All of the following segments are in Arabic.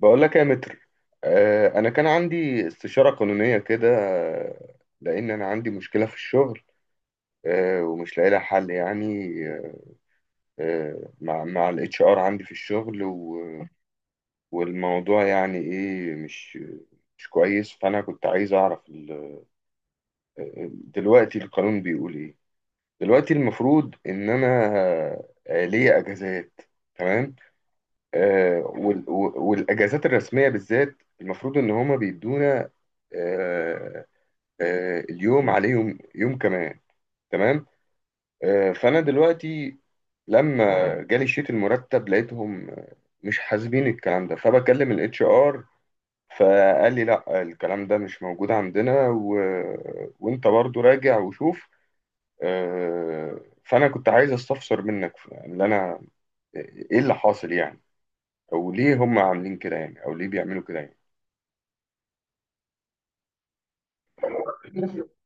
بقول لك يا متر. انا كان عندي استشارة قانونية كده. لان انا عندي مشكلة في الشغل. ومش لاقي لها حل يعني. مع الاتش ار عندي في الشغل والموضوع يعني ايه مش كويس، فانا كنت عايز اعرف دلوقتي القانون بيقول ايه. دلوقتي المفروض ان انا ليا اجازات. تمام. والاجازات الرسمية بالذات المفروض ان هما بيدونا آه، اليوم عليه يوم يوم كمان. تمام. فانا دلوقتي لما جالي شيت المرتب لقيتهم مش حاسبين الكلام ده، فبكلم الاتش ار، فقال لي لا الكلام ده مش موجود عندنا وانت برضو راجع وشوف. فانا كنت عايز استفسر منك يعني اللي انا، آه، ايه اللي حاصل يعني، او ليه هم عاملين كده يعني، او ليه بيعملوا كده يعني.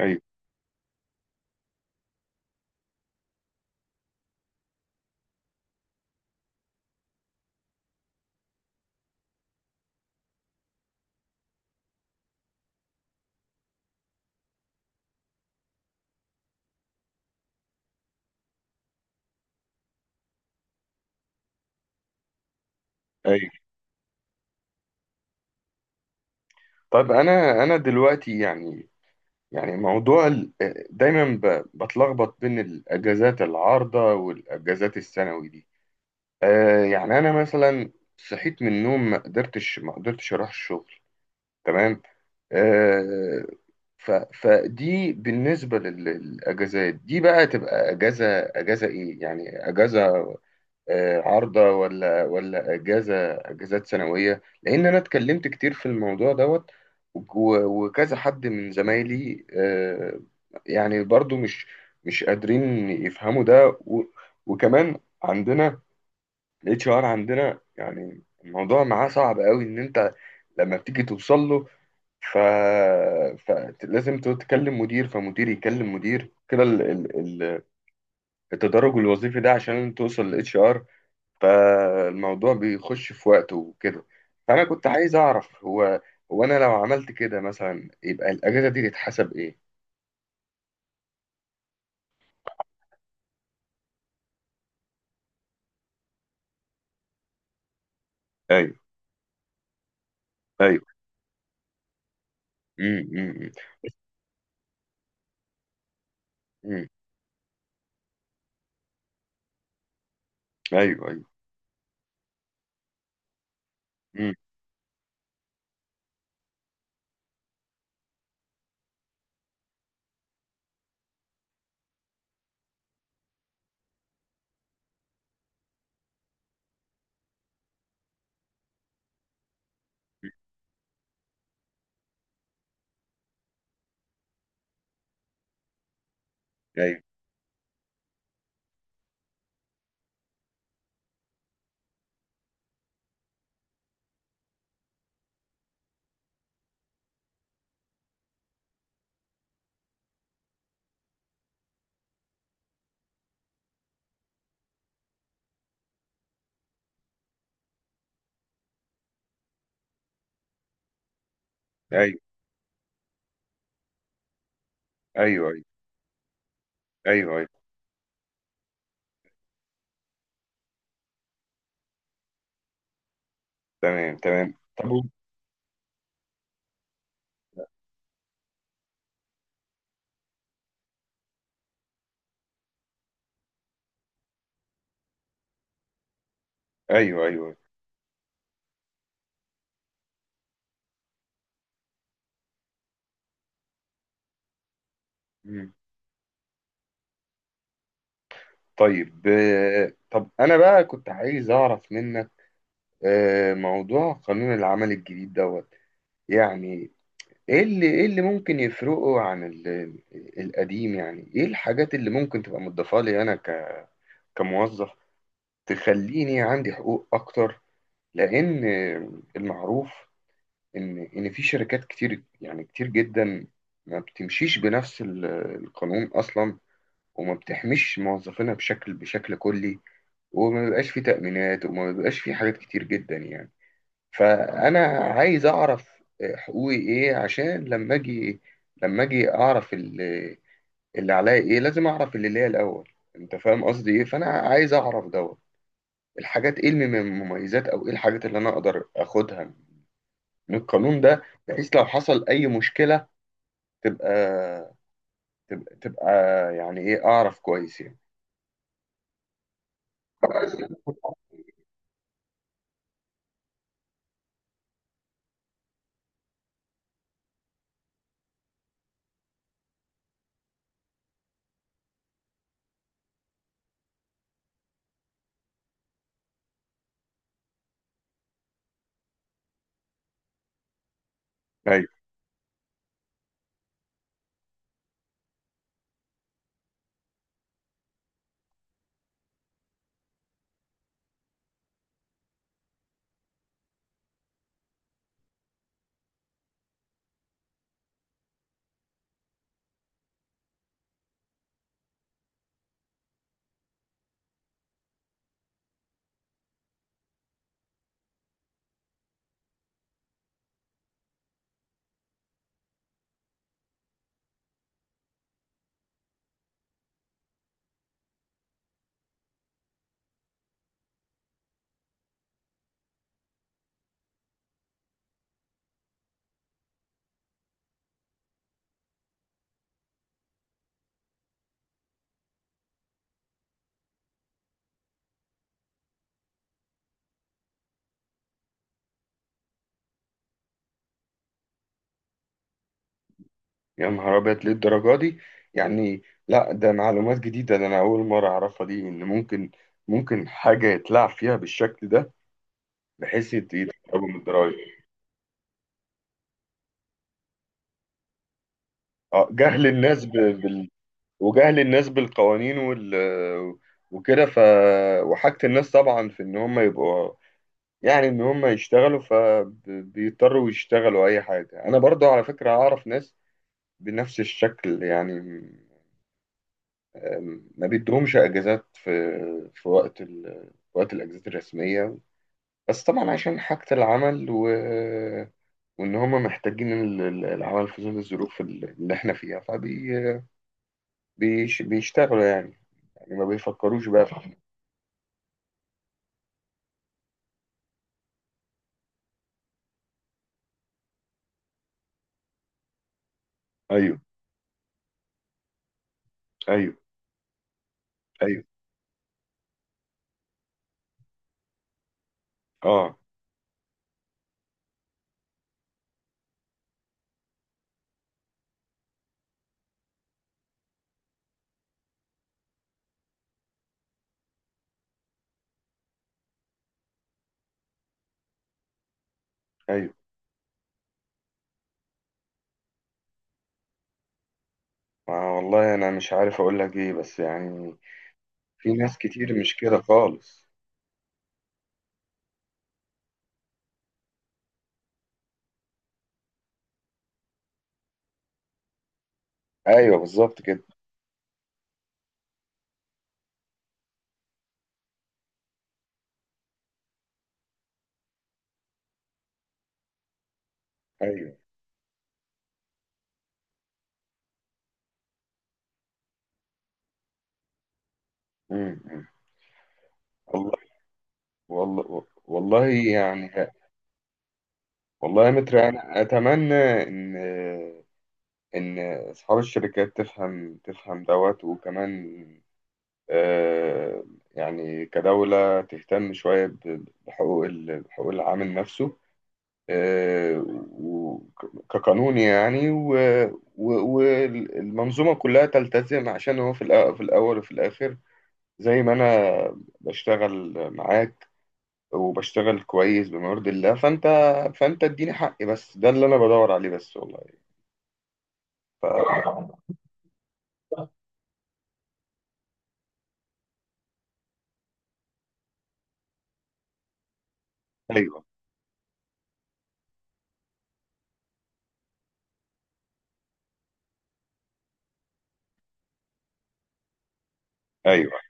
ايوه، ايوه. طب انا دلوقتي يعني، يعني موضوع دايما بتلخبط بين الاجازات العارضه والاجازات الثانوي دي. آه، يعني انا مثلا صحيت من النوم ما قدرتش اروح الشغل، تمام. آه، فدي بالنسبه للاجازات دي بقى، تبقى اجازه. اجازه ايه يعني؟ اجازه عارضة، ولا أجازات سنوية، لأن أنا اتكلمت كتير في الموضوع دوت وكذا حد من زمايلي. يعني برضو مش قادرين يفهموا ده وكمان عندنا الاتش ار عندنا، يعني الموضوع معاه صعب قوي، ان انت لما بتيجي توصل له ف... فلازم تتكلم مدير، فمدير يكلم مدير كده، ال- التدرج الوظيفي ده عشان توصل للاتش ار، فالموضوع بيخش في وقته وكده. فأنا كنت عايز أعرف، هو أنا لو عملت كده مثلا يبقى الأجازة دي تتحسب إيه؟ أيوه، أيوه. أمم، أمم، أمم. أيوه، أيوه. أمم. أيوه، أيوه، أيوه، أيوه، أيوه، أيوه. تمام، تمام. طب أيوه، أيوه، أيوه. أمم. طيب، طب أنا بقى كنت عايز أعرف منك موضوع قانون العمل الجديد دوت. يعني ايه اللي ممكن يفرقه عن القديم، يعني ايه الحاجات اللي ممكن تبقى مضافة لي انا كموظف، تخليني عندي حقوق اكتر؟ لان المعروف ان في شركات كتير يعني كتير جدا، ما بتمشيش بنفس القانون اصلا، وما بتحميش موظفينها بشكل كلي، وما بيبقاش في تأمينات وما بيبقاش في حاجات كتير جدا يعني. فانا عايز اعرف حقوقي ايه، عشان لما اجي اعرف اللي عليا ايه. لازم اعرف اللي ليا الاول. انت فاهم قصدي ايه. فانا عايز اعرف دوت الحاجات، ايه المميزات، او ايه الحاجات اللي انا اقدر اخدها من القانون ده، بحيث لو حصل اي مشكلة تبقى تبقى, تبقى، يعني ايه، اعرف كويس يعني. طيب. يا نهار أبيض، ليه الدرجة دي؟ يعني لا، ده معلومات جديدة، ده أنا أول مرة أعرفها، دي إن ممكن ممكن حاجة يتلعب فيها بالشكل ده، بحيث يتقربوا من الضرايب. أه، جهل الناس وجهل الناس بالقوانين وكده ف، وحاجة الناس طبعا، في إن هم يبقوا يعني إن هم يشتغلوا، فبيضطروا يشتغلوا أي حاجة. أنا برضو على فكرة أعرف ناس بنفس الشكل يعني، ما بيدهمش اجازات في وقت وقت الاجازات الرسميه، بس طبعا عشان حاجه العمل وان هم محتاجين العمل في ظل الظروف اللي احنا فيها فبيشتغلوا يعني، يعني ما بيفكروش بقى في. ايوه، ايوه، ايوه. اه، ايوه. ما والله انا مش عارف اقول لك ايه، بس يعني في ناس كتير مش كده خالص. ايوه، بالظبط كده. ايوه. امم، والله. والله، والله، يعني والله يا متر، انا اتمنى ان ان اصحاب الشركات تفهم دوت، وكمان آه، يعني كدولة تهتم شوية بحقوق العامل نفسه، آه، كقانون يعني، والمنظومة كلها تلتزم، عشان هو في الأول وفي الآخر، زي ما أنا بشتغل معاك وبشتغل كويس بما يرضي الله، فأنت اديني حقي بس، ده اللي أنا بدور عليه بس والله. ف... ايوه، ايوه،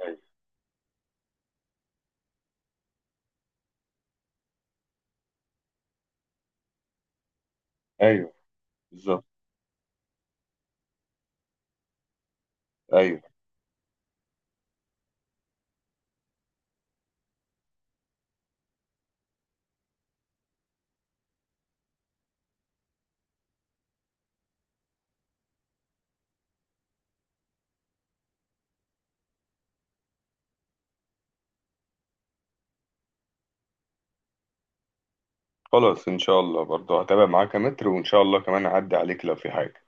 ايوه، ايوه، بالظبط، ايوه. خلاص ان شاء الله، برضو هتابع معاك يا متر، وان شاء الله كمان اعدي عليك لو في حاجه.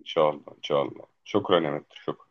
ان شاء الله، ان شاء الله. شكرا يا متر، شكرا.